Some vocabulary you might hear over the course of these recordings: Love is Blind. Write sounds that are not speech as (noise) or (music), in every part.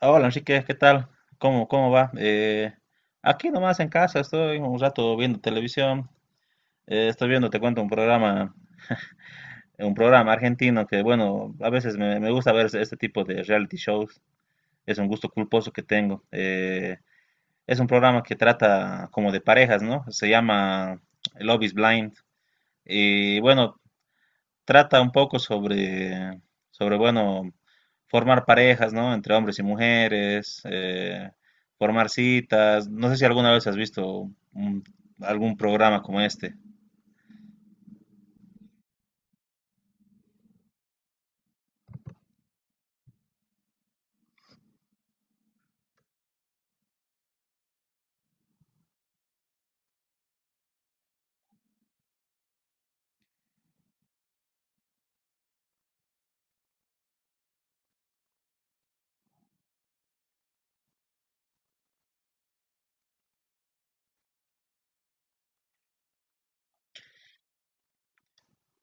Hola, Enrique, ¿qué tal? ¿Cómo va? Aquí nomás en casa estoy un rato viendo televisión. Estoy viendo, te cuento, un programa argentino que, bueno, a veces me gusta ver este tipo de reality shows. Es un gusto culposo que tengo. Es un programa que trata como de parejas, ¿no? Se llama Love is Blind. Y bueno, trata un poco sobre bueno, formar parejas, ¿no? Entre hombres y mujeres, formar citas. No sé si alguna vez has visto algún programa como este.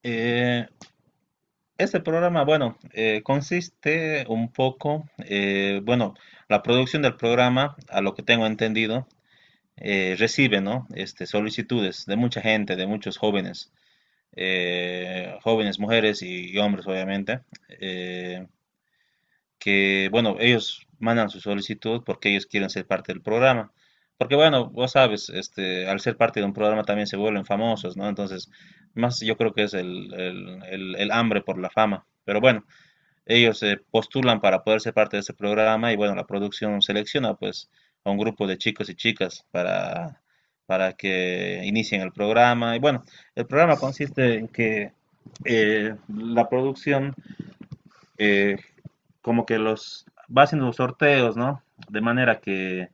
Eh, este programa, bueno, consiste un poco, bueno, la producción del programa, a lo que tengo entendido, recibe, ¿no? Este, solicitudes de mucha gente, de muchos jóvenes, jóvenes, mujeres y hombres, obviamente. Eh, que, bueno, ellos mandan su solicitud porque ellos quieren ser parte del programa. Porque, bueno, vos sabes, este, al ser parte de un programa también se vuelven famosos, ¿no? Entonces, más yo creo que es el hambre por la fama. Pero bueno, ellos se postulan para poder ser parte de ese programa y, bueno, la producción selecciona, pues, a un grupo de chicos y chicas para que inicien el programa. Y, bueno, el programa consiste en que la producción eh, como que los va haciendo los sorteos, ¿no? De manera que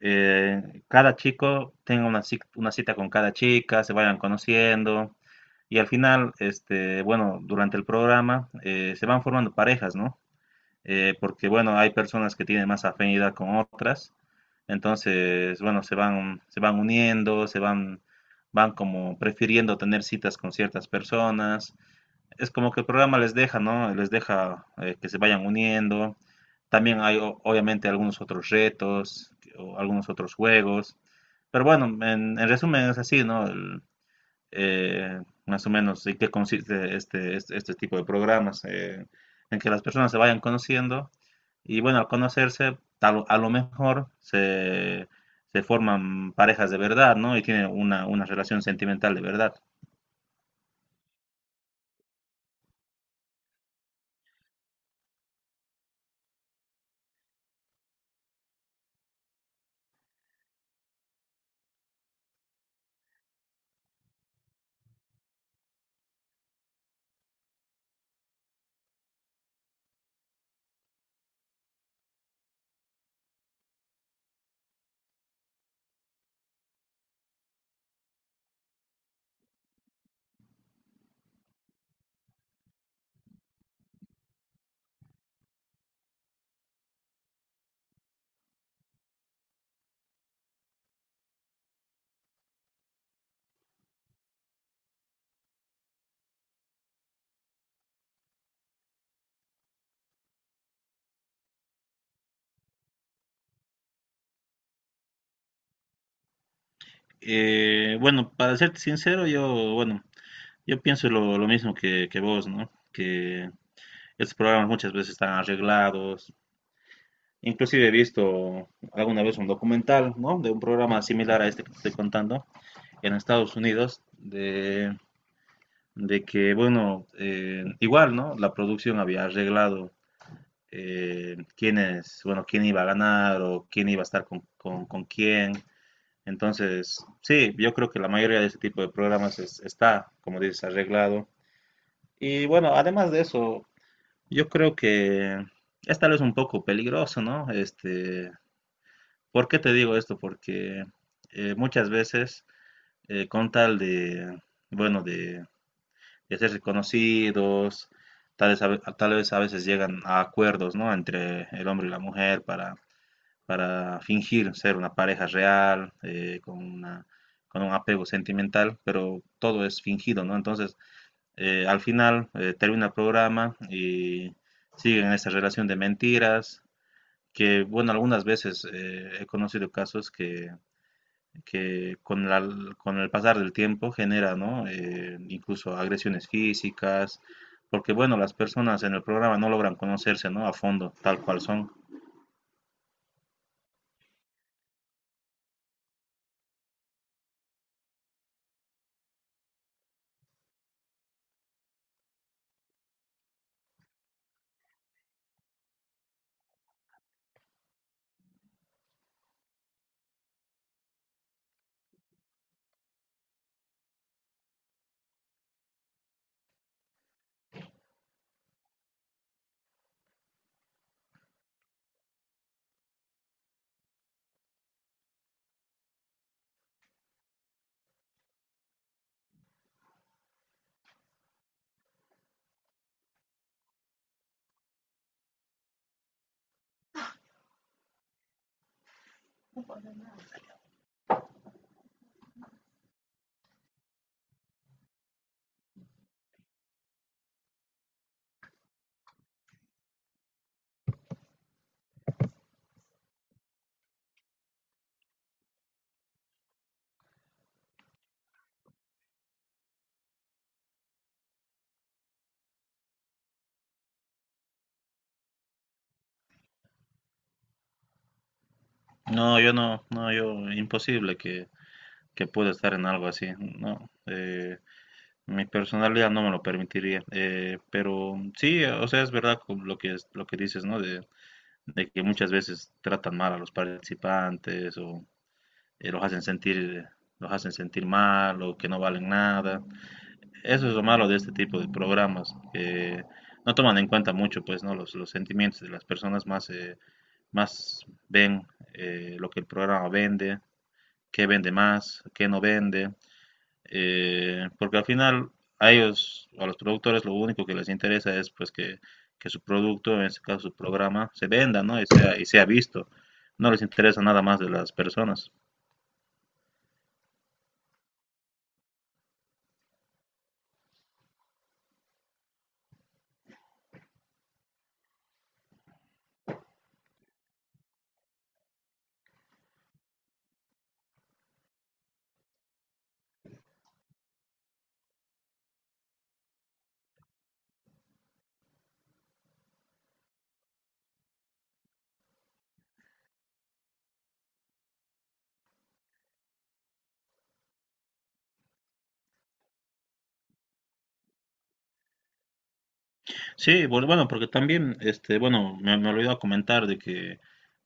cada chico tenga una, una cita con cada chica, se vayan conociendo y al final, este, bueno, durante el programa se van formando parejas, ¿no? Porque, bueno, hay personas que tienen más afinidad con otras, entonces, bueno, se van uniendo, van como prefiriendo tener citas con ciertas personas es como que el programa les deja, ¿no? Les deja que se vayan uniendo. También hay obviamente algunos otros retos o algunos otros juegos. Pero bueno, en resumen es así, ¿no? Más o menos en qué consiste este tipo de programas, en que las personas se vayan conociendo y bueno, al conocerse, a lo mejor se forman parejas de verdad, ¿no? Y tienen una relación sentimental de verdad. Bueno, para serte sincero, yo, bueno, yo pienso lo mismo que vos, ¿no? Que estos programas muchas veces están arreglados. Inclusive he visto alguna vez un documental, ¿no? De un programa similar a este que te estoy contando en Estados Unidos, de que, bueno, igual, ¿no? La producción había arreglado quiénes, bueno, quién iba a ganar o quién iba a estar con quién. Entonces, sí, yo creo que la mayoría de este tipo de programas está, como dices, arreglado. Y bueno, además de eso, yo creo que es tal vez un poco peligroso, ¿no? Este, ¿por qué te digo esto? Porque muchas con tal de, bueno, de ser reconocidos, tal vez a veces llegan a acuerdos, ¿no? Entre el hombre y la mujer para fingir ser una pareja real, con una, con un apego sentimental, pero todo es fingido, ¿no? Entonces, al final termina el programa y siguen esa relación de mentiras, que bueno, algunas veces he conocido casos que con, la, con el pasar del tiempo genera, ¿no? Incluso agresiones físicas, porque bueno, las personas en el programa no logran conocerse, ¿no? A fondo, tal cual son. No, yo no, no, yo, imposible que pueda estar en algo así, ¿no? Mi personalidad no me lo permitiría, pero sí, o sea, es verdad con lo que, lo que dices, ¿no? De que muchas veces tratan mal a los participantes o eh, los hacen sentir, los hacen sentir mal o que no valen nada. Eso es lo malo de este tipo de programas, que no toman en cuenta mucho, pues, ¿no? Los sentimientos de las personas más, más ven lo que el programa vende, qué vende más, qué no vende porque al final a ellos, a los productores, lo único que les interesa es pues que su producto, en este caso su programa, se venda, ¿no? Y sea visto. No les interesa nada más de las personas. Sí, pues, bueno, porque también, este, bueno, me olvidó comentar de que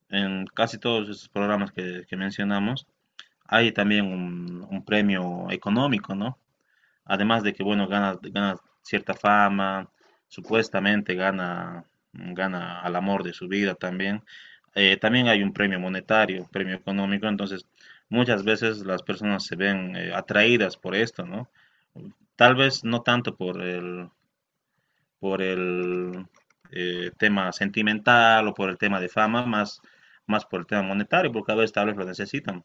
en casi todos esos programas que mencionamos, hay también un premio económico, ¿no? Además de que, bueno, gana cierta fama, supuestamente gana, gana al amor de su vida también. También hay un premio monetario, un premio económico, entonces muchas veces las personas se ven atraídas por esto, ¿no? Tal vez no tanto por el tema sentimental o por el tema de fama, más, más por el tema monetario, porque a veces tal vez lo necesitan.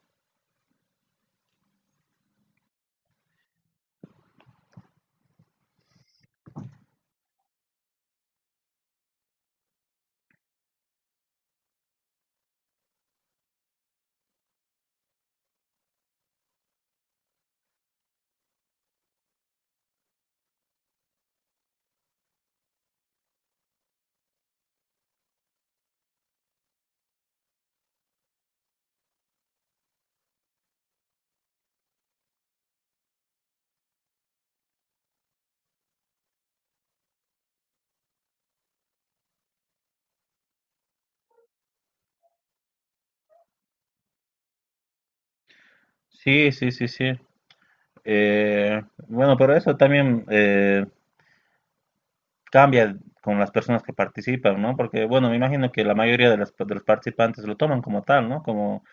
Sí, sí, sí, sí. Eh, bueno, pero eso también cambia con las personas que participan, ¿no? Porque, bueno, me imagino que la mayoría de los participantes lo toman como tal, ¿no? Como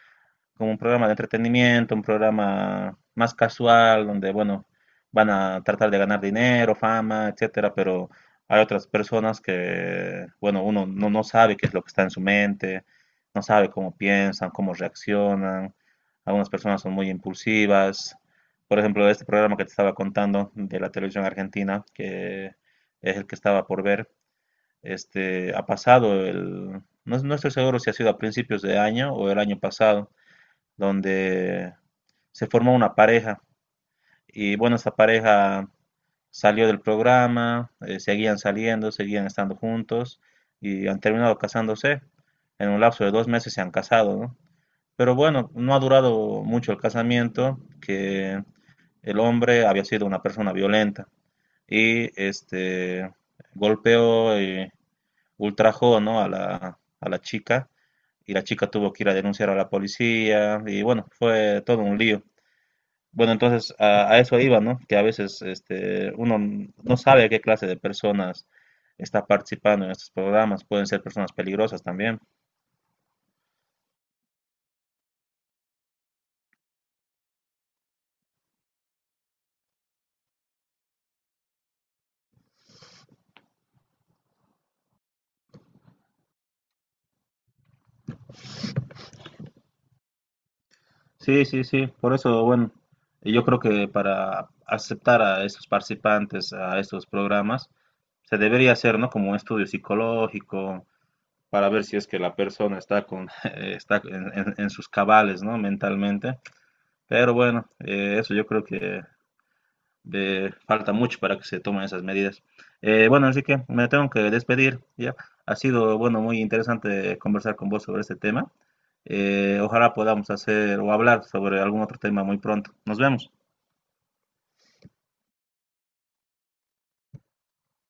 como un programa de entretenimiento, un programa más casual, donde, bueno, van a tratar de ganar dinero, fama, etcétera, pero hay otras personas que, bueno, uno no sabe qué es lo que está en su mente, no sabe cómo piensan, cómo reaccionan. Algunas personas son muy impulsivas. Por ejemplo, este programa que te estaba contando de la televisión argentina, que es el que estaba por ver, este, ha pasado no, no estoy seguro si ha sido a principios de año o el año pasado, donde se formó una pareja y bueno, esa pareja salió del programa, seguían saliendo, seguían estando juntos y han terminado casándose. En un lapso de 2 meses se han casado, ¿no? Pero bueno, no ha durado mucho el casamiento, que el hombre había sido una persona violenta y este golpeó y ultrajó, ¿no? a a la chica y la chica tuvo que ir a denunciar a la policía y bueno, fue todo un lío. Bueno, entonces a eso iba, ¿no? Que a veces este, uno no sabe qué clase de personas está participando en estos programas. Pueden ser personas peligrosas también. Sí, sí, sí. Por eso, bueno, yo creo que para aceptar a estos participantes a estos programas, se debería hacer, ¿no? Como un estudio psicológico para ver si es que la persona está con (laughs) está en sus cabales, ¿no? Mentalmente. Pero bueno, eso yo creo que falta mucho para que se tomen esas medidas. Bueno, así que me tengo que despedir, ¿ya? Ha sido, bueno, muy interesante conversar con vos sobre este tema. Ojalá podamos hacer o hablar sobre algún otro tema muy pronto. Nos vemos.